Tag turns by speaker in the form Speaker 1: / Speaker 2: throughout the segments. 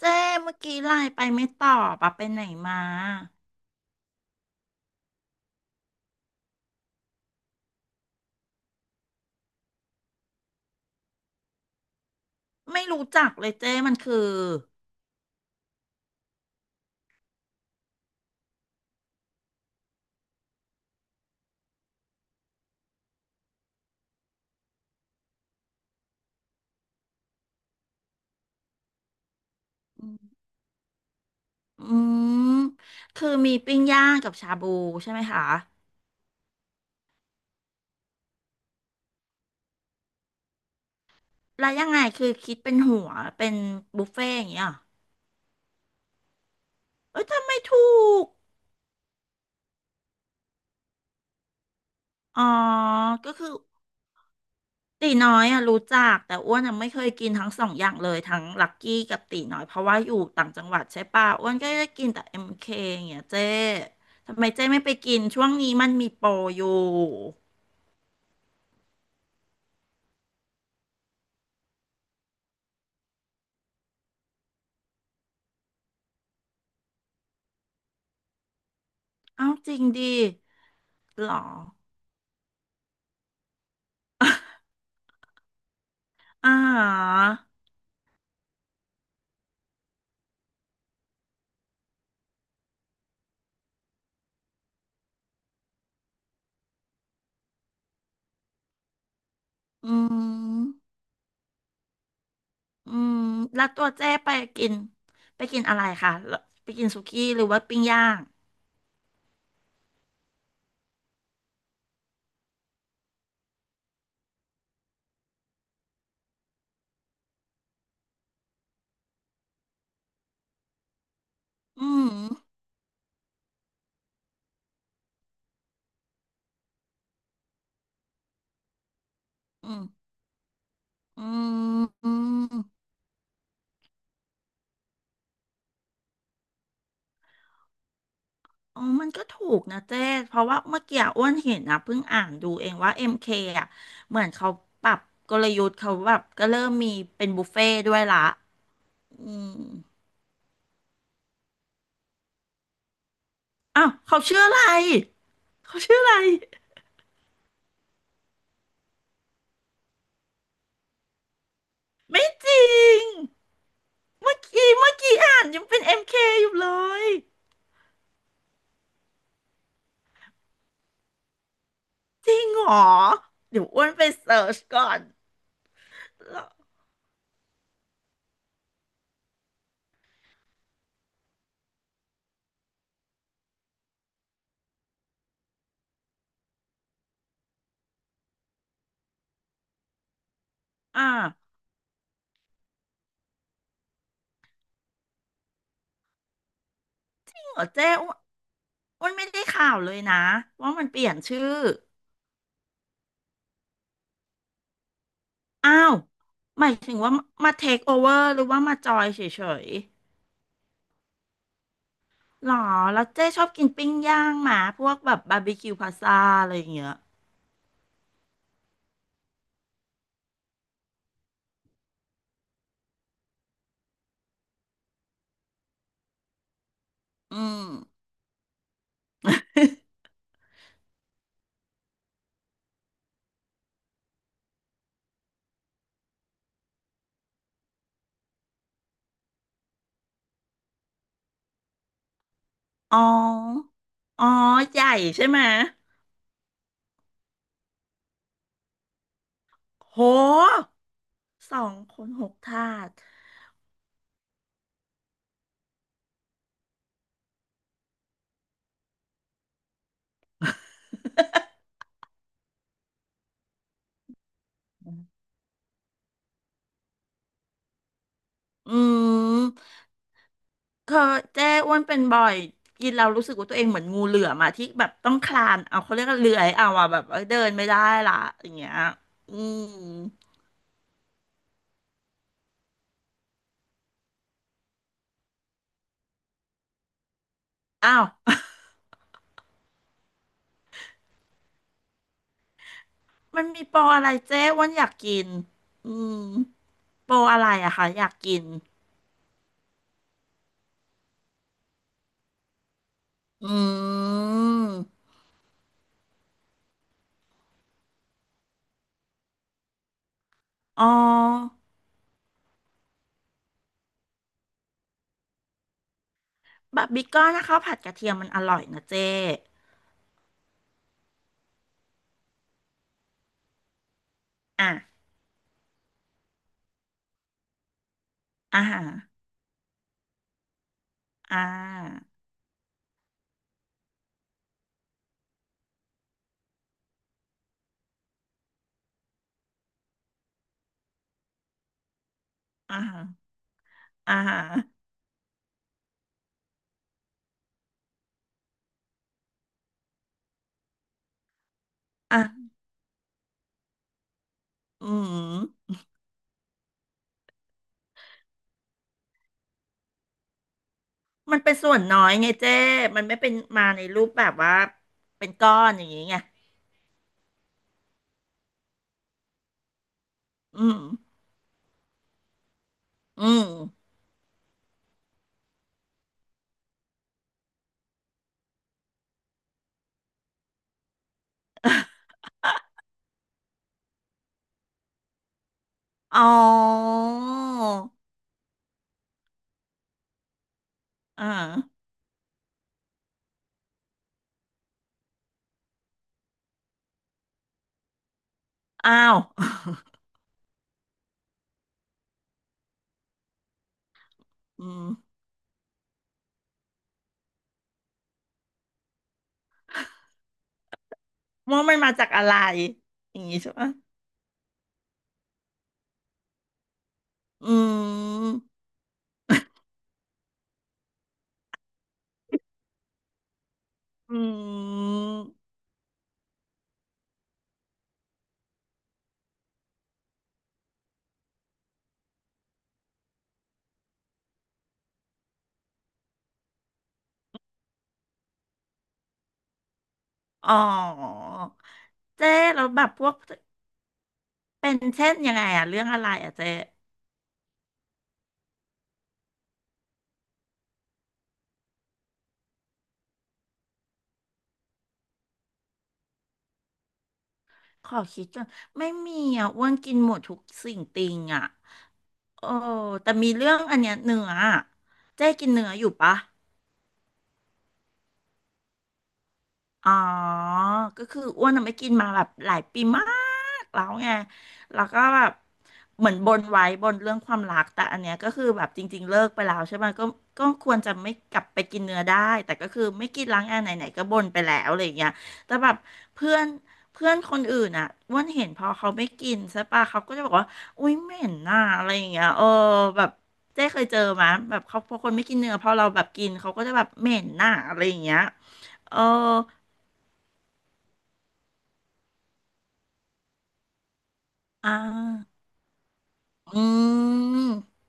Speaker 1: เจ้เมื่อกี้ไลน์ไปไม่ตอบอะไปไหนมาไม่รู้จักเลยเจ้มันคืออืมคือมีปิ้งย่างกับชาบูใช่ไหมคะแล้วยังไงคือคิดเป็นหัวเป็นบุฟเฟ่ต์อย่างเงี้ยเหรอเอ้ยทำไมถูกอ๋อก็คือตีน้อยอะรู้จักแต่อ้วนอะไม่เคยกินทั้งสองอย่างเลยทั้งลักกี้กับตีน้อยเพราะว่าอยู่ต่างจังหวัดใช่ป่ะอ้วนก็ได้กินแต่เอ็มเคอย่างเงี้ยเจ้ทำไมเจ้ไม่ไปกินช่วงนี้มันมีโปรอยู่ เอ้าจริงดิหรออ่าอืมอืมแล้วตัวเจ๊ไปกินไปกินอะไรคะแล้วไปกินสุกี้หรือว่าปิ้งย่างอืมอืมอืมอืมอ๋อมันก็ถูกนะเจ๊เพราะว่าเมื่อกี้อ้วนเห็นนะเพิ่งอ่านดูเองว่าเอ็มเคอ่ะเหมือนเขาปรับกลยุทธ์เขาแบบก็เริ่มมีเป็นบุฟเฟ่ต์ด้วยละอืมอ้าวเขาชื่ออะไรเขาชื่ออะไรไม่จริง เมื่อกี้เมื่อกี้อ่านยังเป็น MK อมเคอยู่เลยจริงเหรอเดี๋ยวอ้วนไปเสิร์ชก่อนแล้วอ่าจริงเหรอเจ้อ้วนอ้วนไม่ได้ข่าวเลยนะว่ามันเปลี่ยนชื่ออ้าวหมายถึงว่ามาเทคโอเวอร์หรือว่ามาจอยเฉยๆหรอแล้วเจ้ชอบกินปิ้งย่างหมาพวกแบบบาร์บีคิวพาซาอะไรอย่างเงี้ยอืมอ๋ออ๋อใหญ่ใช่ไหมโหสองคนหกถาด อืมเคยเจ๊อ้วนเป็นบ่อยกินแล้วรู้สึกว่าตัวเองเหมือนงูเหลือมอะที่แบบต้องคลานเอาเขาเรียกว่าเลื้อยเอาอะแบบเอ้ยเดินไม่ได้ละอย่างเงี้ยอืมอ้าว มันมีโปรอะไรเจ๊อ้วนอยากกินอืมโปรอะไรอะคะอยากกินอืมอ๋อบะบิกก้อนนะคะผัดกระเทียมมันอร่อยนะเจ๊อ่ะอาหาฮะอ่าฮะอ่าฮะอ่าฮะอ่ะอืม มันเป็นส่วนน้อยไงเจ้มันไม่เป็นมาในรูปแบบว่าเป็นก้อนอย่างนี้ไงอืมอืมอ๋ออ่าอ้าว อืมว่ามันมาจากอะไรอย่างนี้ใช่ปะอืมอืมอ๋อเจ๊เราแล้วแบบพวกเป็นเช่นยังไงอะเรื่องอะไรอะเจ๊ขอคิดก่อนไม่มีอะอ้วนกินหมดทุกสิ่งติงอะ โอ้แต่มีเรื่องอันเนี้ยเนื้ออะเจ๊กินเนื้ออยู่ปะ อ๋อ ก็คืออ้วนน่ะไม่กินมาแบบหลายปีมากแล้วไง แล้วก็แบบเหมือนบนไว้บนเรื่องความรักแต่อันเนี้ยก็คือแบบจริงๆเลิกไปแล้วใช่ไหมก็ก็ควรจะไม่กลับไปกินเนื้อได้แต่ก็คือไม่กินล้างแอร์ไหนๆก็บ่นไปแล้วอะไรอย่างเงี้ยแต่แบบเพื่อนเพื่อนคนอื่นอ่ะอ้วนเห็นพอเขาไม่กินใช่ปะเขาก็จะบอกว่าอุ้ยเหม็นน่ะอะไรอย่างเงี้ยเออแบบเจ๊เคยเจอมาแบบเขาพอคนไม่กินเนื้อพอเราแบบกินเขาก็จะแบบเหม็นน่ะอะไรอย่างเงี้ยเออ อ่าอืม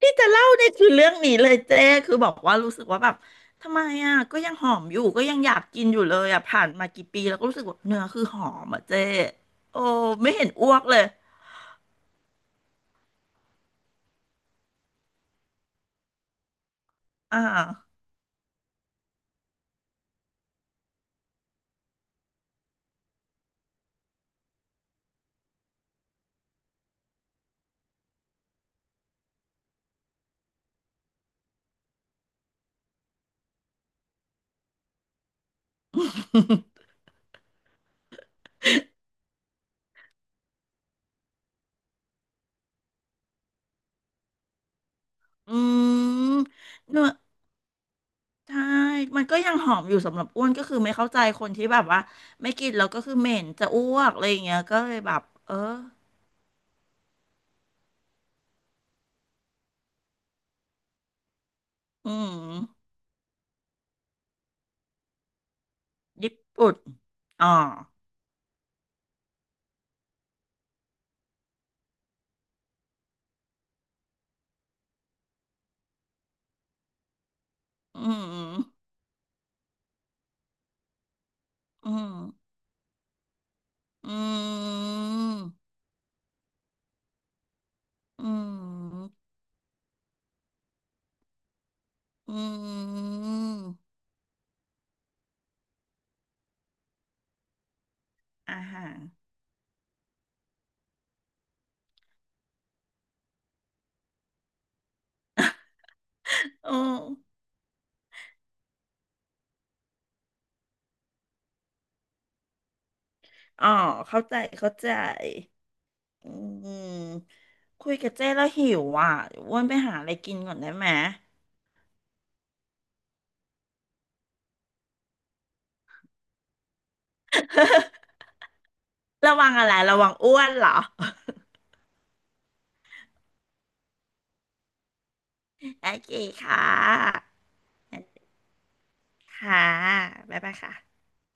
Speaker 1: ที่จะเล่าเนี่ยคือเรื่องนี้เลยเจ้คือบอกว่ารู้สึกว่าแบบทำไมอ่ะก็ยังหอมอยู่ก็ยังอยากกินอยู่เลยอ่ะผ่านมากี่ปีแล้วก็รู้สึกว่าเนื้อคือหอมอ่ะเจ้โอ้ไม่เห็นอ้วกเลยอ่า อืมเนื้อใช่มันก็ยังหอมอยู่สำหรับอ้วนก็คือไม่เข้าใจคนที่แบบว่าไม่กินแล้วก็คือเหม็นจะอ้วกอะไรอย่างเงี้ยก็เลยแบบเอออืมญี่ปุ่นอ๋ออืมอืม อืมอืมอืมอาหารโอ้อ๋อเข้าใจเข้าใจอืมคุยกับเจ้แล้วหิวอ่ะเดี๋ยวอ้วนไปหาอะไรกินก่อนได้ไหมระวังอะไรระวังอ้วนเหรอ โอเคค่ะค่ะบ๊ายบายค่ะ